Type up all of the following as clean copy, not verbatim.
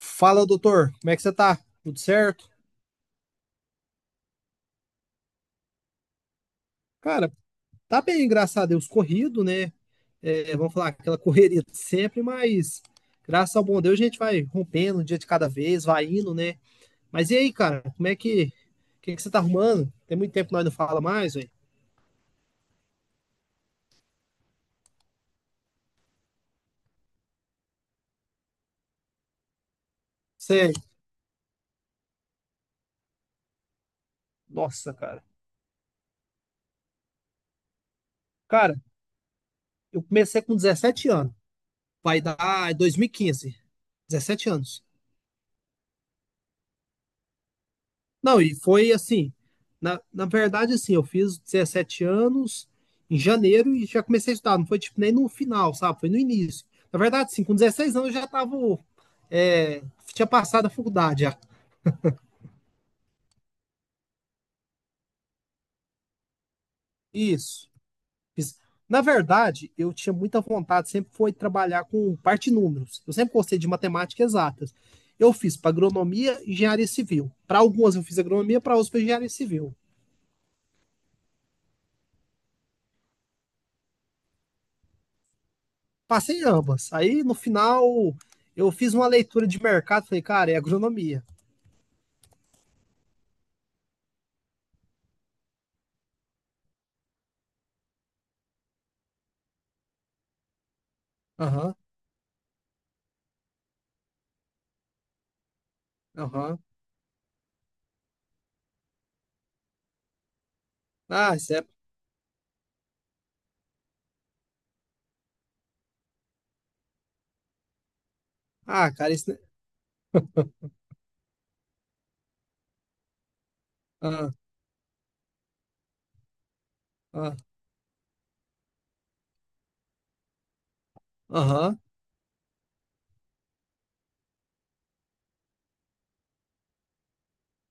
Fala, doutor, como é que você tá? Tudo certo? Cara, tá bem, graças a Deus, corrido, né? Vamos falar aquela correria de sempre, mas graças ao bom Deus a gente vai rompendo um dia de cada vez, vai indo, né? Mas e aí, cara, o que é que você tá arrumando? Tem muito tempo que nós não fala mais, velho. Sério, nossa, cara. Cara, eu comecei com 17 anos, vai dar, 2015, 17 anos. Não, e foi assim, na verdade, assim, eu fiz 17 anos em janeiro e já comecei a estudar. Não foi tipo nem no final, sabe? Foi no início. Na verdade, assim, com 16 anos eu já tava. é, Tinha passado a faculdade já. Isso. Fiz- Na verdade, eu tinha muita vontade, sempre foi trabalhar com parte de números. Eu sempre gostei de matemática exatas. Eu fiz para agronomia e engenharia civil. Para algumas eu fiz agronomia, para outras foi engenharia civil. Passei em ambas. Aí no final eu fiz uma leitura de mercado, falei, cara, é agronomia. Aham, aham. Ah, isso é. Ah, cara, isso, ah, ah, aham,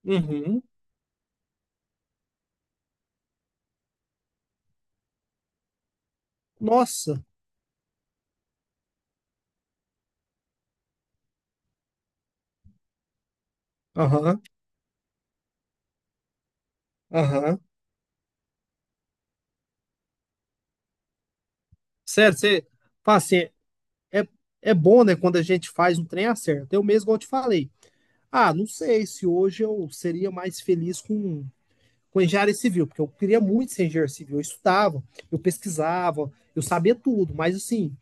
uhum. Nossa, aham, aham. Sério, você. Fala assim, é, é bom, né, quando a gente faz um trem acerta. Eu mesmo, igual eu te falei. Ah, não sei se hoje eu seria mais feliz com engenharia civil, porque eu queria muito ser engenheiro civil. Eu estudava, eu pesquisava, eu sabia tudo, mas assim.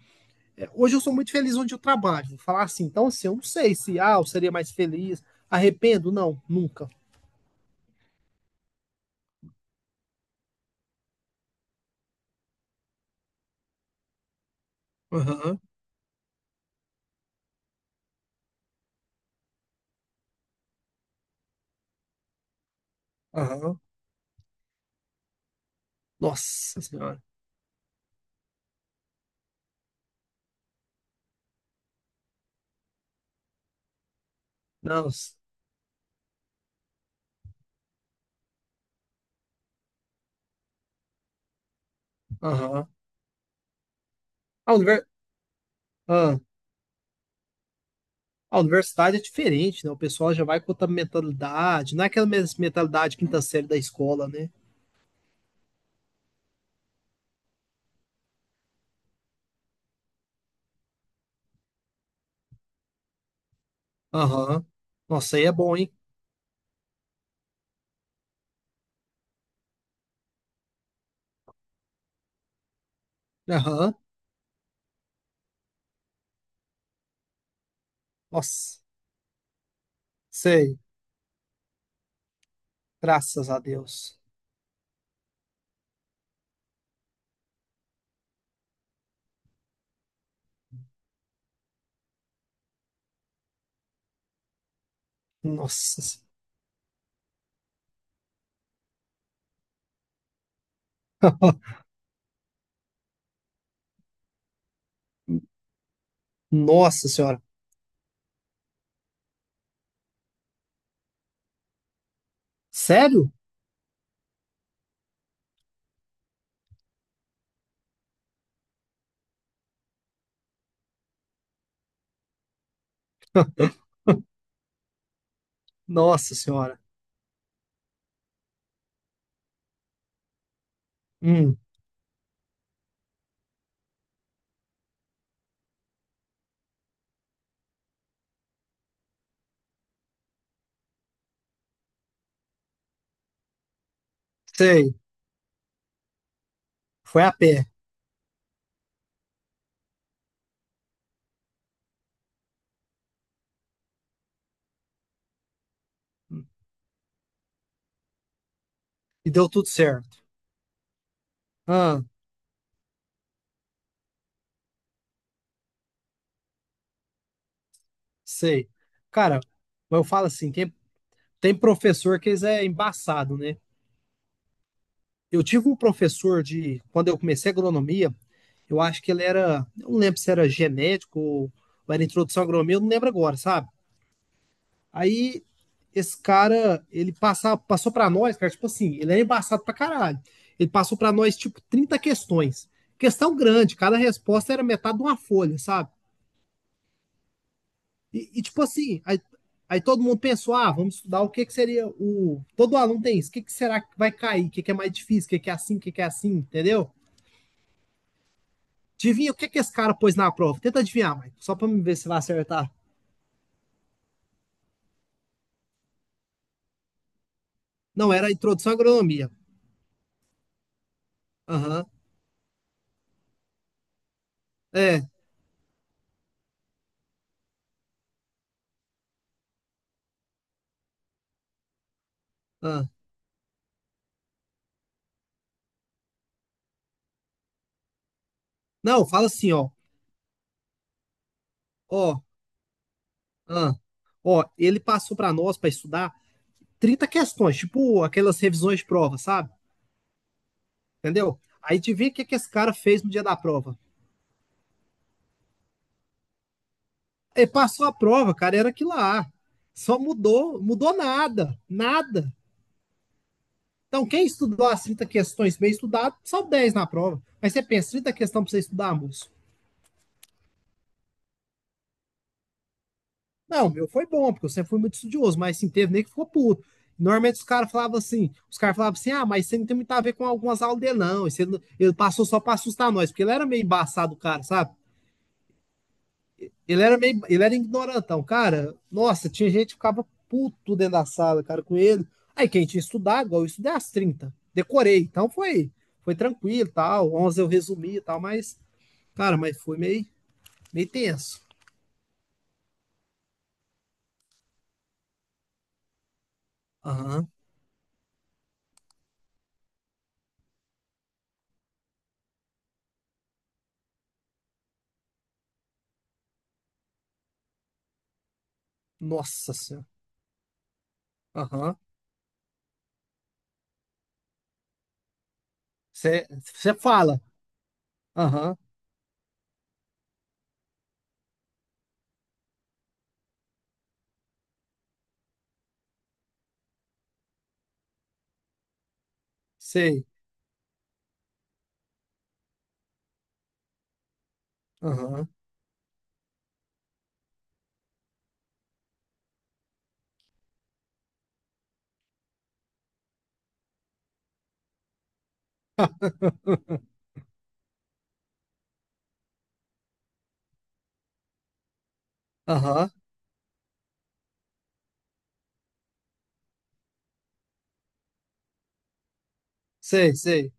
Hoje eu sou muito feliz onde eu trabalho, vou falar assim. Então, assim, eu não sei se eu seria mais feliz. Arrependo? Não, nunca. Aham, aham. Nossa Senhora. Não. Aham. A, univer- ah, a universidade é diferente, né? O pessoal já vai com outra mentalidade. Não é aquela mentalidade quinta série da escola, né? Aham. Nossa, aí é bom, hein? Aham. Nossa. Sei. Graças a Deus. Nossa. Se- Nossa Senhora. Sério? Nossa Senhora. Hum, sei. Foi a pé. E deu tudo certo. Ah, sei. Cara, mas eu falo assim, tem professor que eles é embaçado, né? Eu tive um professor de, quando eu comecei a agronomia, eu acho que ele era, eu não lembro se era genético ou era introdução à agronomia, eu não lembro agora, sabe? Aí esse cara, passou pra nós, cara, tipo assim, ele era embaçado pra caralho. Ele passou pra nós, tipo, 30 questões. Questão grande, cada resposta era metade de uma folha, sabe? Tipo assim, aí todo mundo pensou, ah, vamos estudar o que que seria o. Todo aluno tem isso, o que que será que vai cair? O que que é mais difícil? O que que é assim? O que que é assim? Entendeu? Adivinha o que que esse cara pôs na prova? Tenta adivinhar, Mike, só pra me ver se vai acertar. Não, era a introdução à agronomia. Aham. É. Ah. Não, fala assim, ó. Ó, ah, ó, ele passou pra nós pra estudar 30 questões, tipo aquelas revisões de prova, sabe? Entendeu? Aí adivinha o que que esse cara fez no dia da prova? E passou a prova, cara, era aquilo lá. Só mudou, mudou nada, nada. Então, quem estudou as 30 questões bem estudado, só 10 na prova. Mas você pensa, 30 questões pra você estudar, moço. Não, meu, foi bom, porque eu sempre fui muito estudioso, mas sim, teve nem que ficou puto. Normalmente os caras falavam assim, os caras falavam assim, ah, mas você não tem muito a ver com algumas aulas dele, não. Esse, ele passou só pra assustar nós, porque ele era meio embaçado, o cara, sabe? Ele era meio. Ele era ignorantão, cara. Nossa, tinha gente que ficava puto dentro da sala, cara, com ele. Aí quem tinha estudado, igual eu estudei às 30. Decorei, então foi tranquilo tal. Onze eu resumi e tal, mas, cara, mas foi meio tenso. Aham. Nossa senhora. Aham. Você fala. Aham. Sei. Aham. Aham. Sei, sei.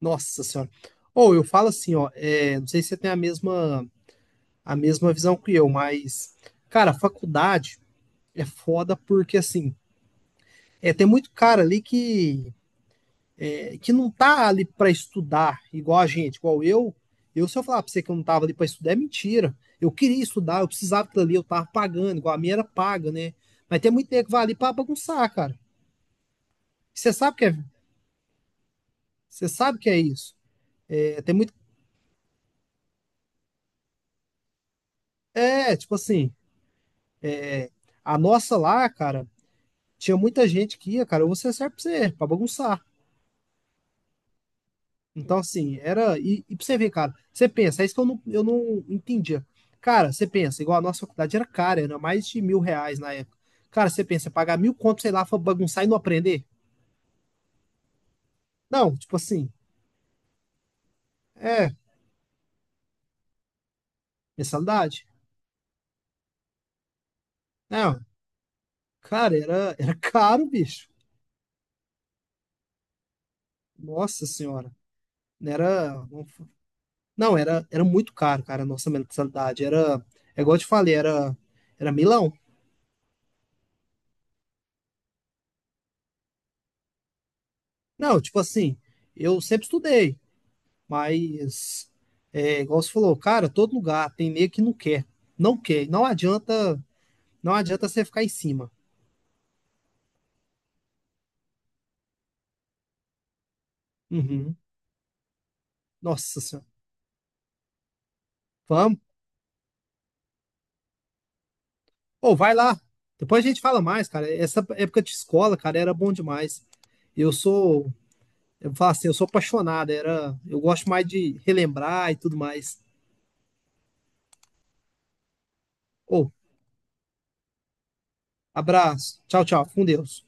Nossa senhora. Ou eu falo assim, ó. Não sei se você tem a mesma visão que eu, mas, cara, faculdade é foda porque, assim, tem muito cara ali que não tá ali para estudar, igual a gente, igual eu. Eu, se eu falar pra você que eu não tava ali pra estudar, é mentira. Eu queria estudar, eu precisava daquilo ali, eu tava pagando, igual a minha era paga, né? Mas tem muito nego que vai ali pra bagunçar, cara. Você sabe que é, você sabe que é isso. É, tem muito. É, tipo assim, a nossa lá, cara, tinha muita gente que ia, cara, eu vou ser certo pra você, pra bagunçar. Então, assim, era. E pra você ver, cara, você pensa, é isso que eu não entendia. Cara, você pensa, igual a nossa faculdade era cara, era mais de 1.000 reais na época. Cara, você pensa, pagar mil conto, sei lá, pra bagunçar e não aprender? Não, tipo assim, é, mensalidade. Não, cara, era caro, bicho. Nossa senhora. Era. Não, era muito caro, cara, a nossa mensalidade. Era. É igual eu te falei, era milão. Não, tipo assim, eu sempre estudei. Mas, é, igual você falou, cara, todo lugar tem meio que não quer. Não quer. Não adianta, não adianta você ficar em cima. Uhum. Nossa Senhora. Vamos. Ou vai lá. Depois a gente fala mais, cara. Essa época de escola, cara, era bom demais. Eu sou, eu falo assim, eu sou apaixonado, era, eu gosto mais de relembrar e tudo mais. Ou, abraço. Tchau, tchau. Fica com Deus.